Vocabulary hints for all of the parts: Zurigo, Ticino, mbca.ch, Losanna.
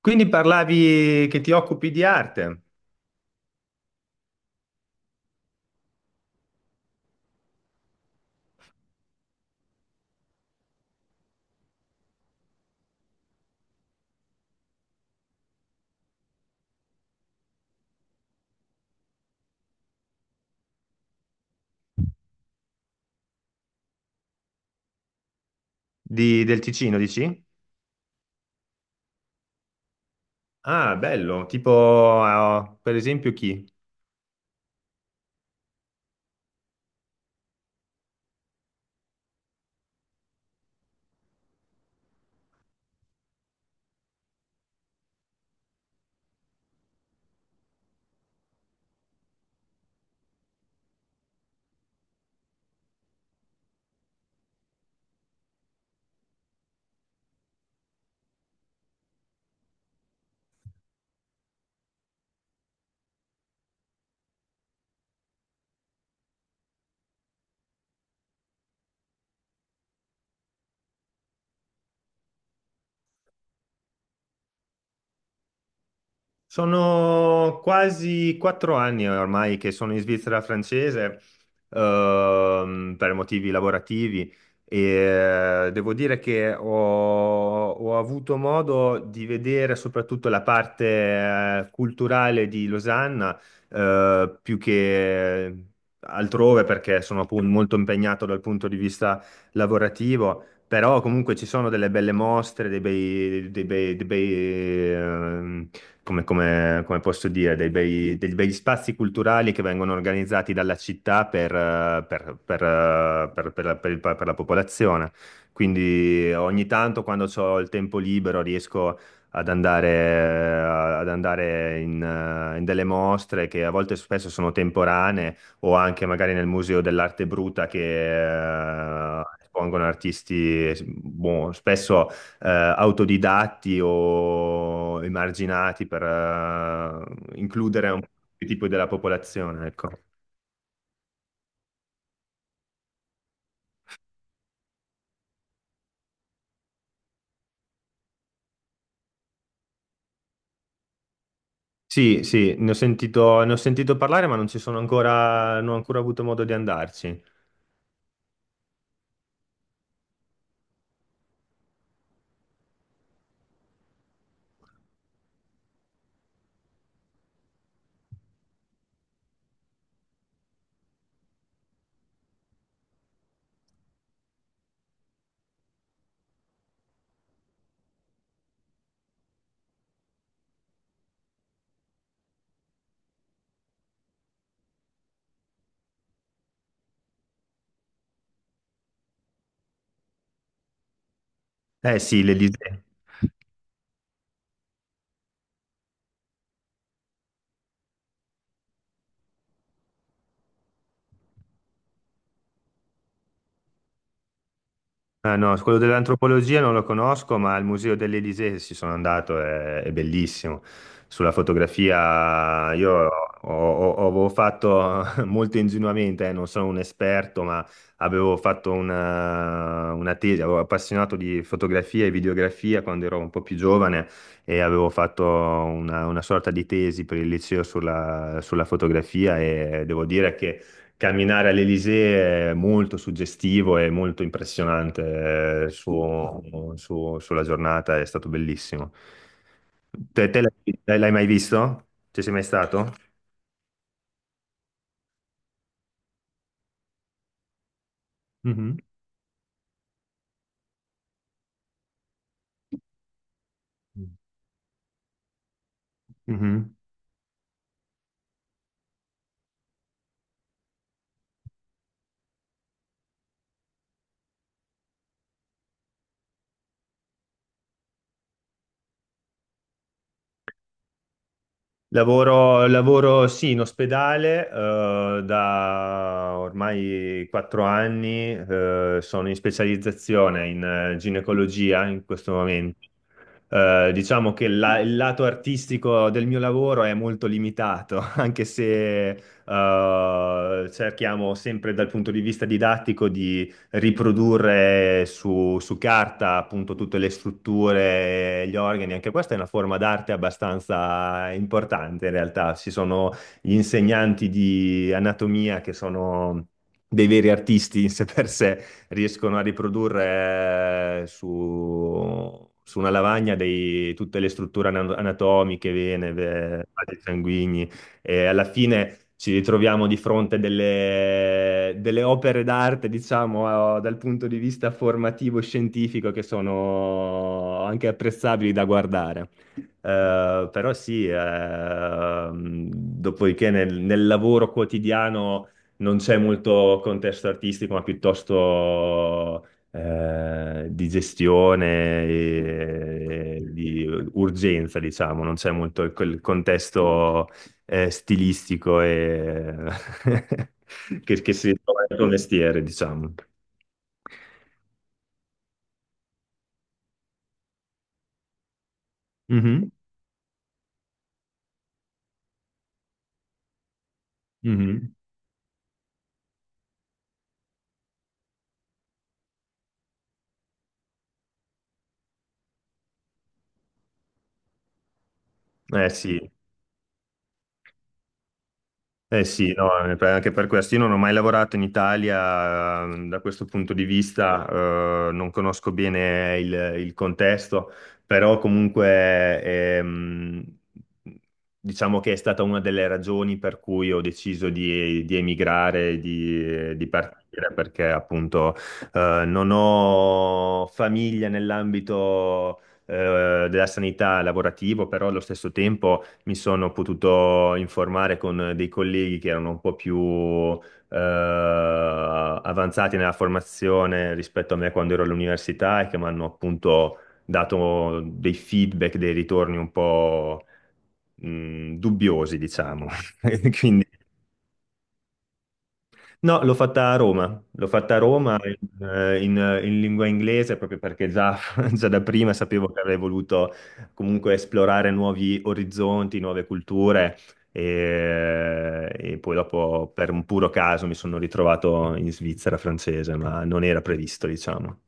Quindi parlavi che ti occupi di arte, del Ticino, dici? Ah, bello, tipo, per esempio chi? Sono quasi 4 anni ormai che sono in Svizzera francese, per motivi lavorativi e devo dire che ho avuto modo di vedere soprattutto la parte, culturale di Losanna, più che altrove perché sono appunto molto impegnato dal punto di vista lavorativo. Però comunque ci sono delle belle mostre, come posso dire, degli bei spazi culturali che vengono organizzati dalla città per la popolazione. Quindi ogni tanto quando ho il tempo libero riesco ad andare in, in delle mostre che a volte spesso sono temporanee o anche magari nel Museo dell'Arte Bruta che espongono artisti, boh, spesso autodidatti o emarginati per includere un tipo della popolazione, ecco. Sì, sì, ne ho sentito parlare, ma non ci sono ancora, non ho ancora avuto modo di andarci. Eh sì, l'Elysée. Ah, no, quello dell'antropologia non lo conosco, ma al Museo dell'Elisée ci sono andato, è bellissimo. Sulla fotografia io avevo fatto molto ingenuamente, non sono un esperto, ma avevo fatto una tesi, avevo appassionato di fotografia e videografia quando ero un po' più giovane e avevo fatto una sorta di tesi per il liceo sulla fotografia e devo dire che... Camminare all'Elysée è molto suggestivo e molto impressionante sulla giornata, è stato bellissimo. Te l'hai mai visto? Ci sei mai stato? Mhm. Mhm. Lavoro, sì, in ospedale, da ormai 4 anni, sono in specializzazione in ginecologia in questo momento. Diciamo che il lato artistico del mio lavoro è molto limitato, anche se cerchiamo sempre dal punto di vista didattico riprodurre su carta appunto tutte le strutture, gli organi, anche questa è una forma d'arte abbastanza importante in realtà. Ci sono gli insegnanti di anatomia che sono dei veri artisti in sé per sé, riescono a riprodurre su una lavagna tutte le strutture anatomiche, vene, vasi sanguigni. E alla fine ci ritroviamo di fronte delle opere d'arte, diciamo, dal punto di vista formativo e scientifico che sono anche apprezzabili da guardare. Però sì, dopodiché nel lavoro quotidiano non c'è molto contesto artistico, ma piuttosto di gestione, e di urgenza, diciamo, non c'è molto quel contesto stilistico e che si trova nel tuo mestiere, diciamo. Mhm, mhm. Eh sì, eh sì, no, anche per questo. Io non ho mai lavorato in Italia, da questo punto di vista, non conosco bene il contesto, però comunque diciamo che è stata una delle ragioni per cui ho deciso di emigrare, di partire, perché appunto non ho famiglia nell'ambito della sanità lavorativo, però allo stesso tempo mi sono potuto informare con dei colleghi che erano un po' più avanzati nella formazione rispetto a me quando ero all'università e che mi hanno appunto dato dei feedback, dei ritorni un po' dubbiosi, diciamo. Quindi... No, l'ho fatta a Roma, l'ho fatta a Roma. Ok. In, in lingua inglese proprio perché già, già da prima sapevo che avrei voluto comunque esplorare nuovi orizzonti, nuove culture e poi dopo per un puro caso mi sono ritrovato in Svizzera francese, ma non era previsto, diciamo.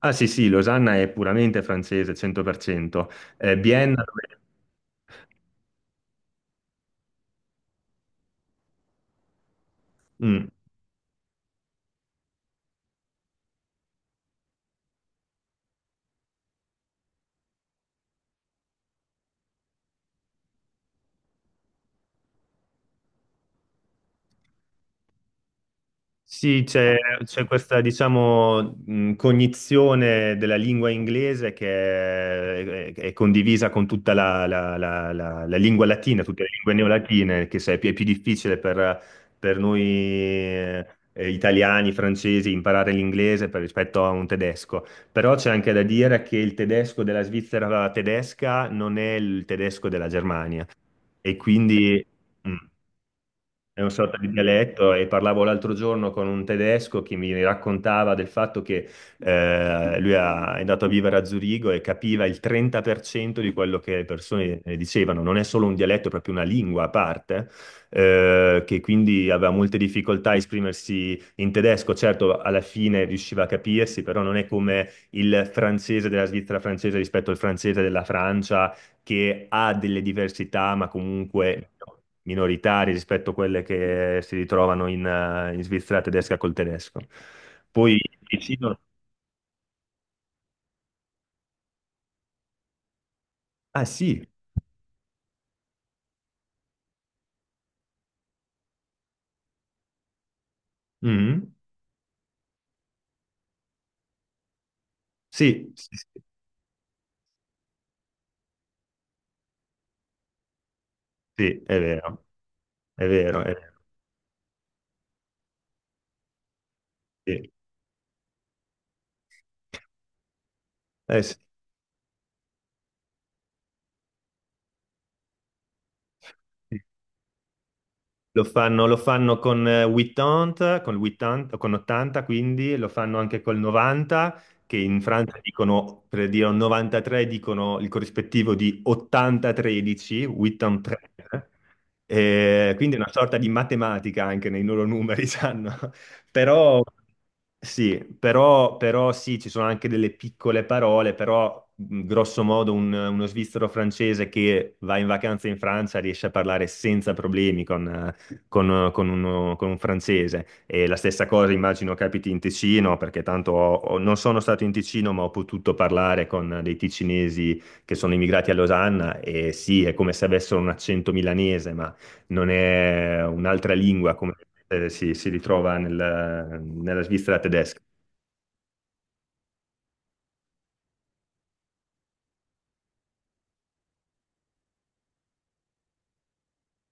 Ah sì, sì, Losanna è puramente francese, 100%. Vienna... Mm. Sì, c'è questa, diciamo, cognizione della lingua inglese che è condivisa con tutta la lingua latina, tutte le lingue neolatine, che se- è più difficile per noi italiani, francesi, imparare l'inglese rispetto a un tedesco. Però c'è anche da dire che il tedesco della Svizzera tedesca non è il tedesco della Germania e quindi... Mm. È una sorta di dialetto e parlavo l'altro giorno con un tedesco che mi raccontava del fatto che è andato a vivere a Zurigo e capiva il 30% di quello che le persone dicevano. Non è solo un dialetto, è proprio una lingua a parte, che quindi aveva molte difficoltà a esprimersi in tedesco. Certo, alla fine riusciva a capirsi, però non è come il francese della Svizzera francese rispetto al francese della Francia che ha delle diversità, ma comunque minoritarie rispetto a quelle che si ritrovano in, in Svizzera tedesca col tedesco. Poi vicino... Ah sì, mhm. Sì, sì, sì, sì, è vero, è vero, è vero, sì. Sì. Sì. Lo fanno con 80, con l'80, con 80 quindi, lo fanno anche col 90, che in Francia dicono, per dire un 93, dicono il corrispettivo di 80-13, 83. Quindi è una sorta di matematica anche nei loro numeri, sanno. Però sì, però sì, ci sono anche delle piccole parole, però grosso modo uno svizzero francese che va in vacanza in Francia riesce a parlare senza problemi con, con con un francese. E la stessa cosa immagino capiti in Ticino, perché tanto non sono stato in Ticino, ma ho potuto parlare con dei ticinesi che sono immigrati a Losanna e sì, è come se avessero un accento milanese, ma non è un'altra lingua come si ritrova nella Svizzera tedesca.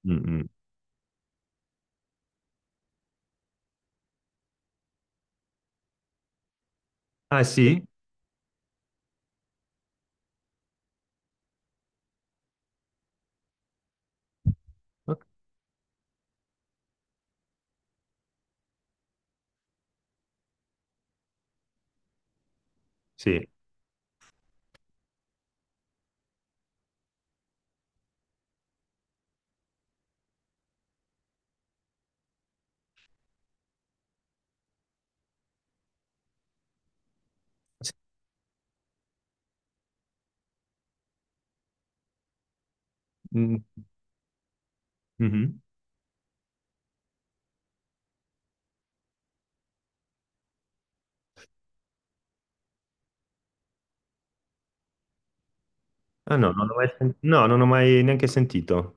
Mm, mm. Ah sì? Ok, sì. Sì. Mm, mhm. Ah no, non ho mai sen- no, non ho mai neanche sentito.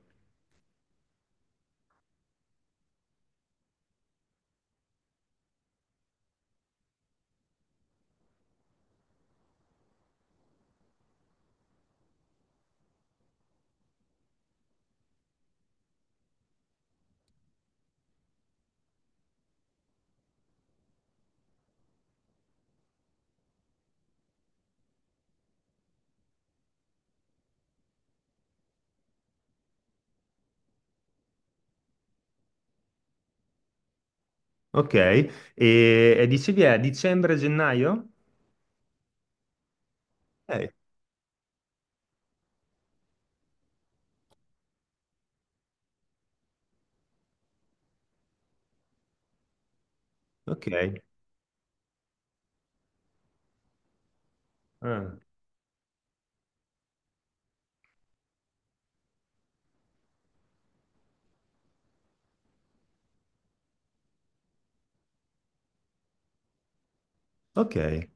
Ok, e dicevi è dicembre-gennaio? Eh, Ok. Ah, ok.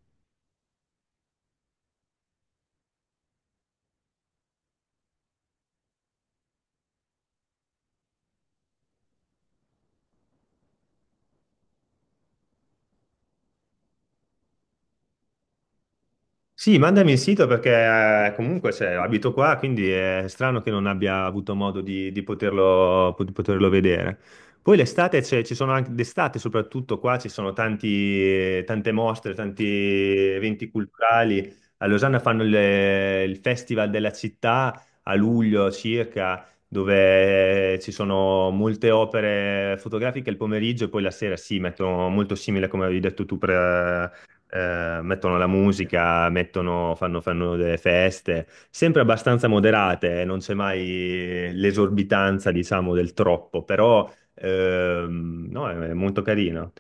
Sì, mandami il sito perché comunque cioè, abito qua, quindi è strano che non abbia avuto modo di poterlo vedere. Poi l'estate, ci sono anche d'estate, soprattutto qua ci sono tanti, tante mostre, tanti eventi culturali. A Losanna fanno il Festival della città a luglio circa, dove ci sono molte opere fotografiche il pomeriggio e poi la sera, sì, mettono molto simile come avevi detto tu, mettono la musica, fanno delle feste, sempre abbastanza moderate, non c'è mai l'esorbitanza, diciamo, del troppo, però no, è molto carino.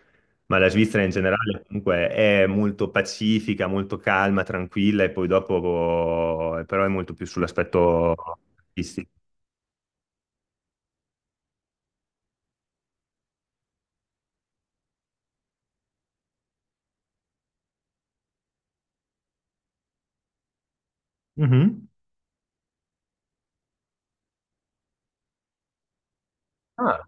Ma la Svizzera in generale comunque è molto pacifica, molto calma, tranquilla e poi dopo però è molto più sull'aspetto artistico. Mhm. Ah.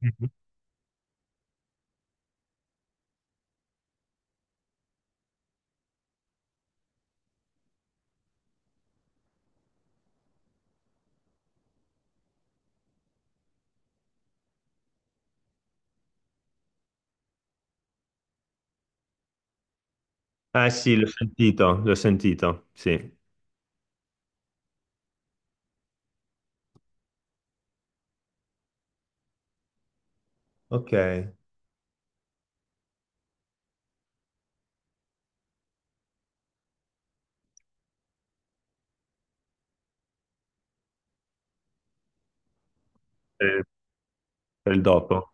Mhm. Ah, sì, l'ho sentito, sì. Ok. Per, per il dopo.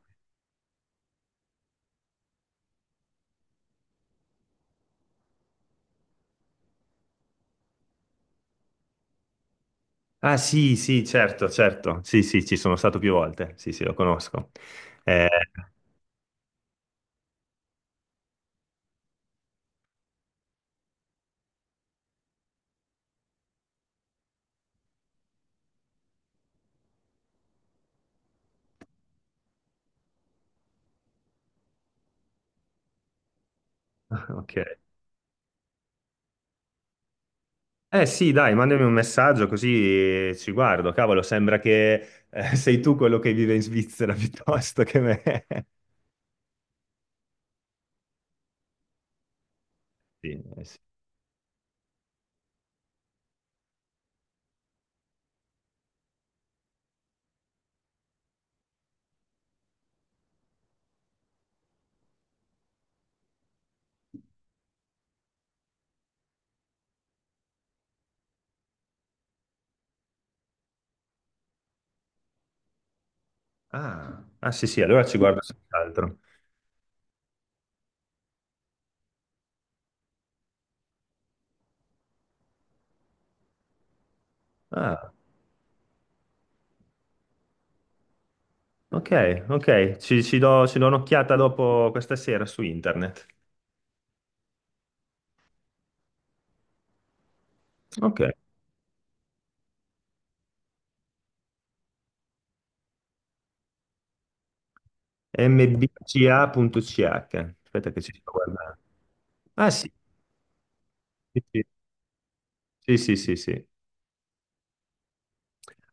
Ah sì, sì, certo, certo. Sì, sì, ci sono stato più volte. Sì, sì, lo conosco. Eh, ok. Eh sì, dai, mandami un messaggio così ci guardo. Cavolo, sembra che sei tu quello che vive in Svizzera piuttosto che me. Sì, sì. Ah, ah, sì, sì, allora ci guardo senz'altro. Ah, ok, ok. Ci do un'occhiata dopo questa sera su internet. Ok. mbca.ch. Aspetta che ci sto guardando. Ah sì. Sì, sì. Sì, sì, sì, sì.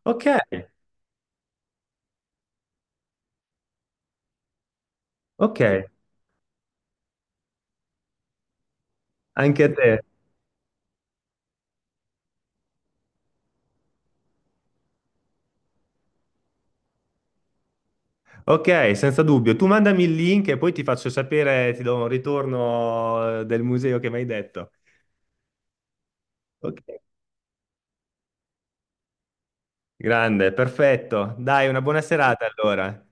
Ok, ok, anche a te. Ok, senza dubbio. Tu mandami il link e poi ti faccio sapere, ti do un ritorno del museo che mi hai detto. Ok, grande, perfetto. Dai, una buona serata allora.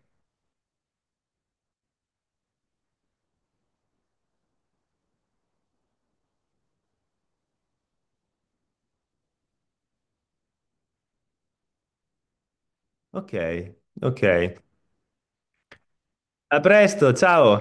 Ok, ok. A presto, ciao.